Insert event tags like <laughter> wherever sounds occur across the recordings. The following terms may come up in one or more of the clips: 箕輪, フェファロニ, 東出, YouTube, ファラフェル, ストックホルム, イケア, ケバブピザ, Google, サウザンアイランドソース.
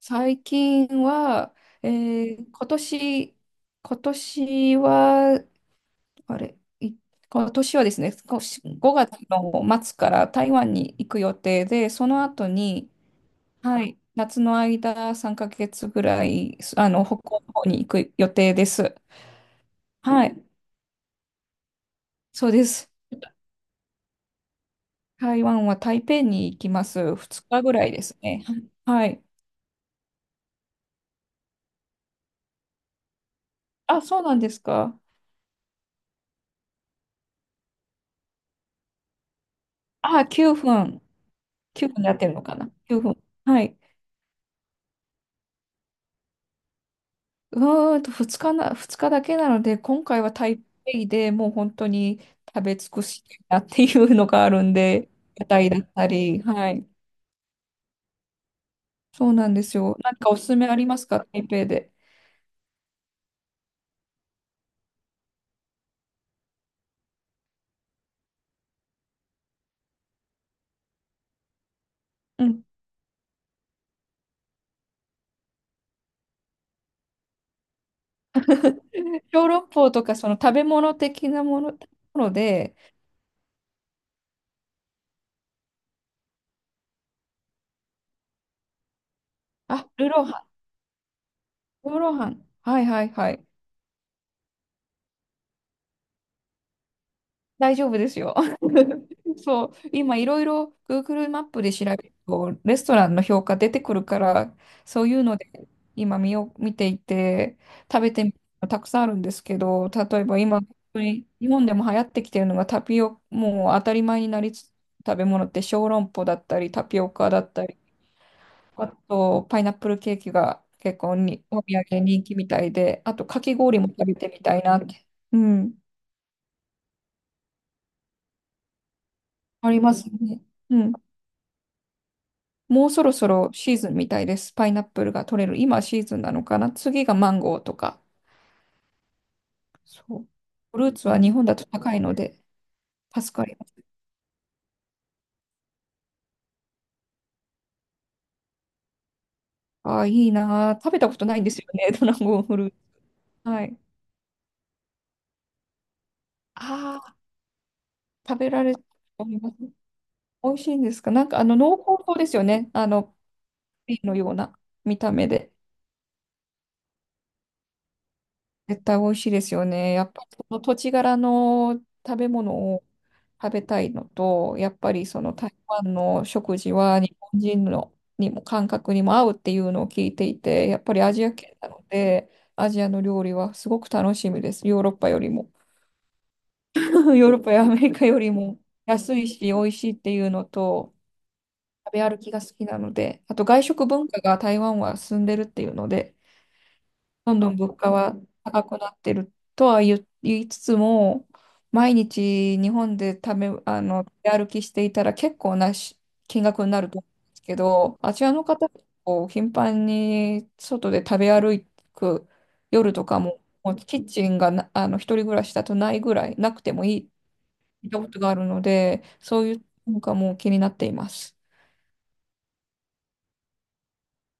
最近は、えー今年、今年は、あれ、い今年はですね、少し5月の末から台湾に行く予定で、その後に、はい、夏の間3ヶ月ぐらい、北欧の方に行く予定です。はい、そうです。台湾は台北に行きます。2日ぐらいですね。はい。あ、そうなんですか。あ、9分。9分やってるのかな。9分。はい。2日な、二日だけなので、今回は台北でもう本当に食べ尽くしたいなっていうのがあるんで、屋台だったり、はい。そうなんですよ。なんかおすすめありますか、台北で。うん。小籠包とか、その食べ物的なもので、あ、ルーローハン、ルーローハン。はいはいはい。大丈夫ですよ。<laughs> そう、今いろいろ Google マップで調べると、レストランの評価出てくるから、そういうので今見ていて、食べてみるのたくさんあるんですけど、例えば今、本当に日本でも流行ってきてるのがタピオ、もう当たり前になりつつ食べ物って小籠包だったり、タピオカだったり、あとパイナップルケーキが結構にお土産人気みたいで、あとかき氷も食べてみたいなって、うん、ありますね。うん、もうそろそろシーズンみたいです。パイナップルが取れる。今シーズンなのかな。次がマンゴーとか。そう。フルーツは日本だと高いので助かります。ああ、いいなあ。食べたことないんですよね。<laughs> ドラゴンフルーツ。はい。ああ、食べられると思います。美味しいんですか？なんか濃厚そうですよね。ピーのような見た目で。絶対美味しいですよね。やっぱりその土地柄の食べ物を食べたいのと、やっぱりその台湾の食事は日本人のにも感覚にも合うっていうのを聞いていて、やっぱりアジア系なので、アジアの料理はすごく楽しみです。ヨーロッパよりも。<laughs> ヨーロッパやアメリカよりも安いし美味しいっていうのと、食べ歩きが好きなので、あと外食文化が台湾は進んでるっていうので、どんどん物価は高くなってるとは言いつつも、毎日日本で出歩きしていたら結構なし金額になると思うんですけど、あちらの方、こう頻繁に外で食べ歩く夜とかも、もうキッチンがな、一人暮らしだとないぐらい、なくてもいい、聞いたことがあるので、そういう文化も気になっています。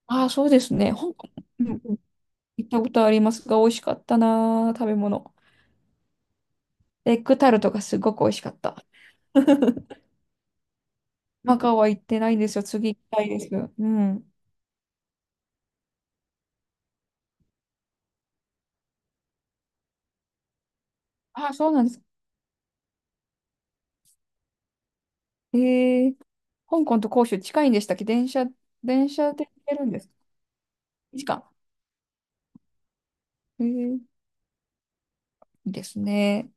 ああ、そうですね。香港、うんうん、行ったことありますが、美味しかったな、食べ物。エッグタルトがすごく美味しかった。<laughs> マカオは行ってないんですよ。次行きたいです。うん。あ、そうなんです。えー、香港と広州近いんでしたっけ？電車で行けるんですか？時間。いいですね。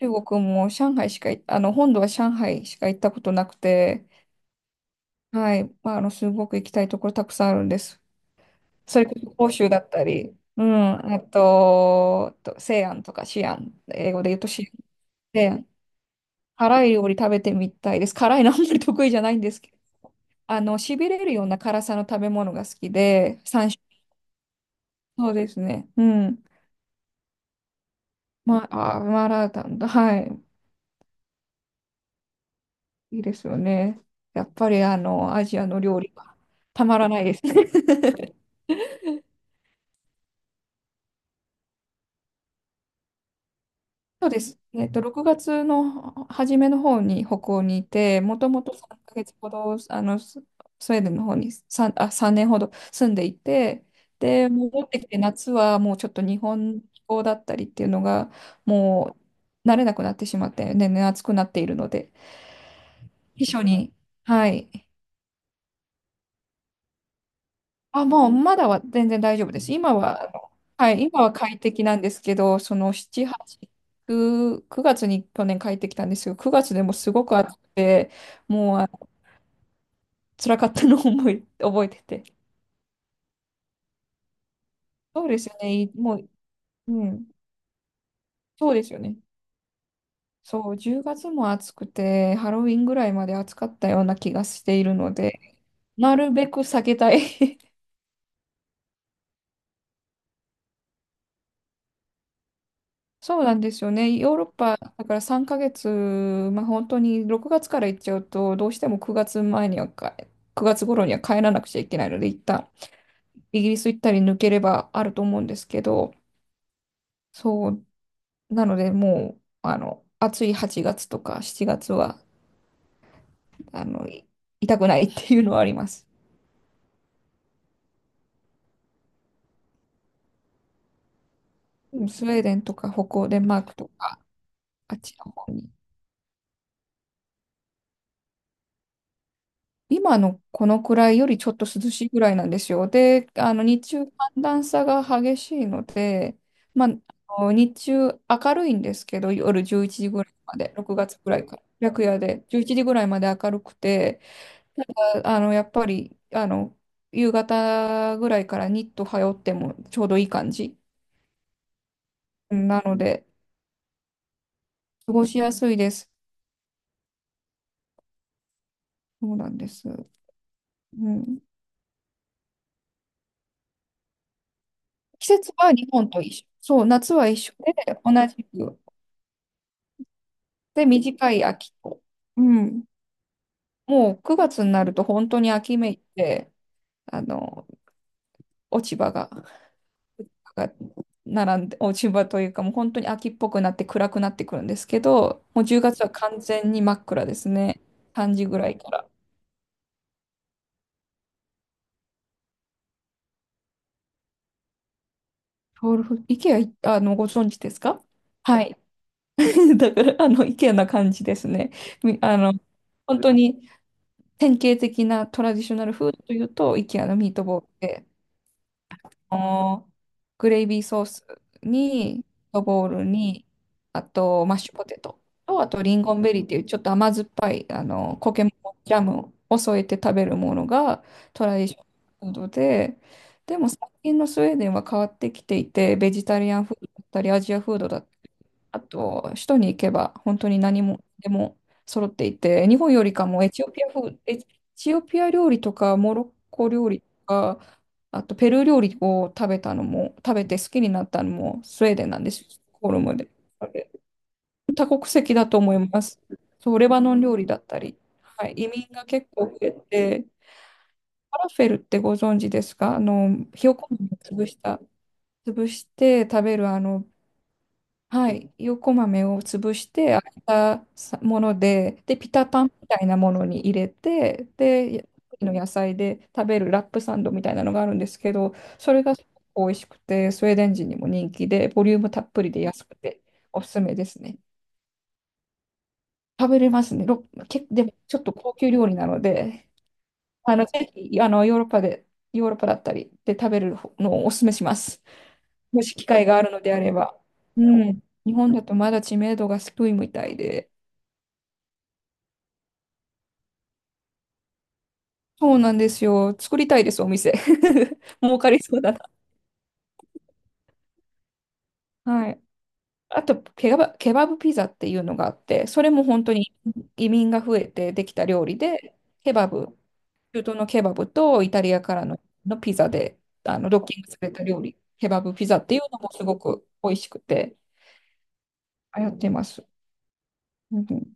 中国も上海しかい、本土は上海しか行ったことなくて、はい。まあ、すごく行きたいところたくさんあるんです。それこそ広州だったり、うん、あと、西安とか西安、英語で言うと西安。西安辛い料理食べてみたいです。辛いのあんまり得意じゃないんですけど、しびれるような辛さの食べ物が好きで、三種。そうですね。うん。まあ、マーラータンだ。はい。いいですよね。やっぱり、アジアの料理はたまらないですね。<laughs> そうです。6月の初めの方に北欧にいて、もともと3ヶ月ほど、スウェーデンの方に3年ほど住んでいて、で、戻ってきて夏はもうちょっと日本の気候だったりっていうのが、もう慣れなくなってしまって、年々暑くなっているので、避暑に、はい。あ、もうまだは全然大丈夫です。今は、はい、今は快適なんですけど、その7、8、9月に去年帰ってきたんですよ。9月でもすごく暑くて、もう辛かったのを覚えてて。そうですよね。もう、うん、そうですよね。そう、10月も暑くて、ハロウィンぐらいまで暑かったような気がしているので、なるべく避けたい。そうなんですよね。ヨーロッパだから3ヶ月、まあ、本当に6月から行っちゃうと、どうしても9月頃には帰らなくちゃいけないので、一旦イギリス行ったり抜ければあると思うんですけど、そう、なのでもう、暑い8月とか7月は、あの、い痛くないっていうのはあります。スウェーデンとか北欧、デンマークとか、あっちの方に今のこのくらいよりちょっと涼しいぐらいなんですよ。で、日中寒暖差が激しいので、まあ、日中明るいんですけど、夜11時ぐらいまで、6月ぐらいから、白夜で11時ぐらいまで明るくて、やっぱり夕方ぐらいからニット羽織ってもちょうどいい感じなので、過ごしやすいです。そうなんです。うん、季節は日本と一緒。そう、夏は一緒で、同じく。で、短い秋子。うん。もう9月になると本当に秋めいて、あの、落ち葉が並んで、落ち葉というかもう本当に秋っぽくなって暗くなってくるんですけど、もう10月は完全に真っ暗ですね。3時ぐらいから。ソウルフ、イケア、ご存知ですか？はい。<laughs> だから、イケアな感じですね。みあの、本当に典型的なトラディショナルフードというと、イケアのミートボールで、あのグレイビーソースに、ドボールに、あと、マッシュポテトと、あと、リンゴンベリーっていう、ちょっと甘酸っぱい、苔のジャムを添えて食べるものがトラディショナルフードで、でも最近のスウェーデンは変わってきていて、ベジタリアンフードだったり、アジアフードだったりあと、首都に行けば本当に何もでも揃っていて、日本よりかもエチオピア料理とかモロッコ料理とか、あとペルー料理を食べたのも、食べて好きになったのもスウェーデンなんですよ、ストックホルムで。多国籍だと思います。そう、レバノン料理だったり、はい、移民が結構増えて、ファラフェルってご存知ですか？ひよこ豆を潰して食べるはい、横豆を潰して開いたさもので、で、ピタパンみたいなものに入れて、で、の野菜で食べるラップサンドみたいなのがあるんですけど、それがすごく美味しくて、スウェーデン人にも人気で、ボリュームたっぷりで安くておすすめですね。食べれますね。でもちょっと高級料理なので、ぜひ、ヨーロッパだったりで食べるのをおすすめします。もし機会があるのであれば。うん。日本だとまだ知名度が低いみたいで。そうなんですよ。作りたいです、お店。<laughs> 儲かりそうだな。はい。あと、ケバブピザっていうのがあって、それも本当に移民が増えてできた料理で、ケバブ、中東のケバブとイタリアからのピザで、ドッキングされた料理、ケバブピザっていうのもすごく美味しくて、流行ってます。うんうん、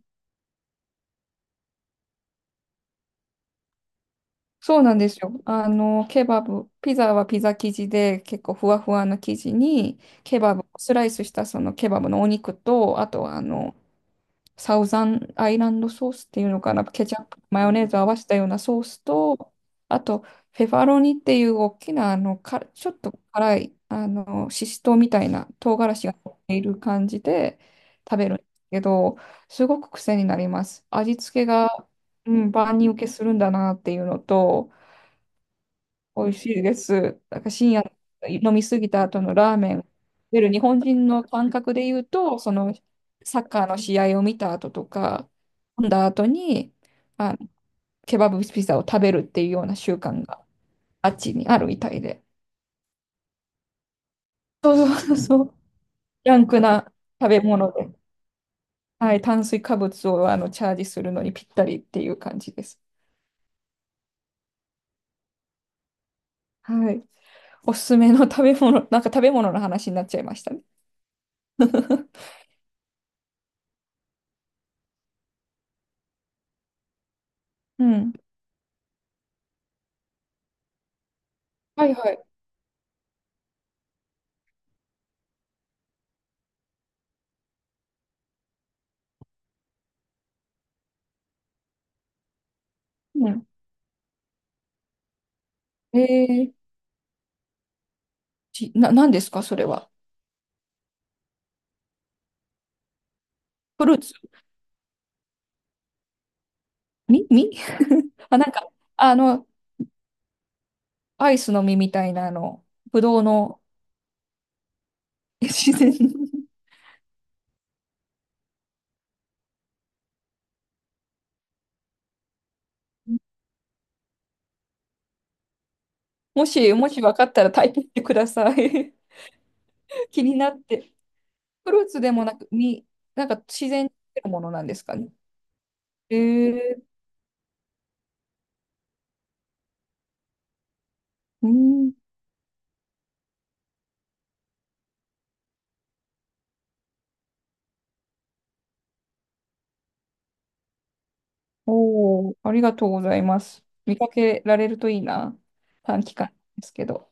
そうなんですよ。ケバブ、ピザはピザ生地で結構ふわふわな生地に、ケバブ、スライスしたそのケバブのお肉と、あとはサウザンアイランドソースっていうのかな、ケチャップ、マヨネーズ合わせたようなソースと、あと、フェファロニっていう大きな、ちょっと辛い、シシトウみたいな唐辛子が乗っている感じで食べるんですけど、すごく癖になります。味付けが、うん、万人受けするんだなっていうのと、美味しいです。なんか深夜飲みすぎた後のラーメン。出る日本人の感覚で言うと、そのサッカーの試合を見た後とか、飲んだ後にあケバブピザを食べるっていうような習慣があっちにあるみたいで。そうそうそうそう。ジャンクな食べ物で、はい、炭水化物をチャージするのにぴったりっていう感じです。はい。おすすめの食べ物、なんか食べ物の話になっちゃいましたね。<laughs> うん。はいはい。うん。えーち、な、なんですか、それは。フルーツみ、み <laughs> あ、なんか、あの、アイスの実みたいな、ぶどうの <laughs> 自然。もし分かったらタイプしてください。<laughs> 気になって。フルーツでもなく、なんか自然に出るものなんですかね。えー、うん、おー、ありがとうございます。見かけられるといいな。短期間ですけど。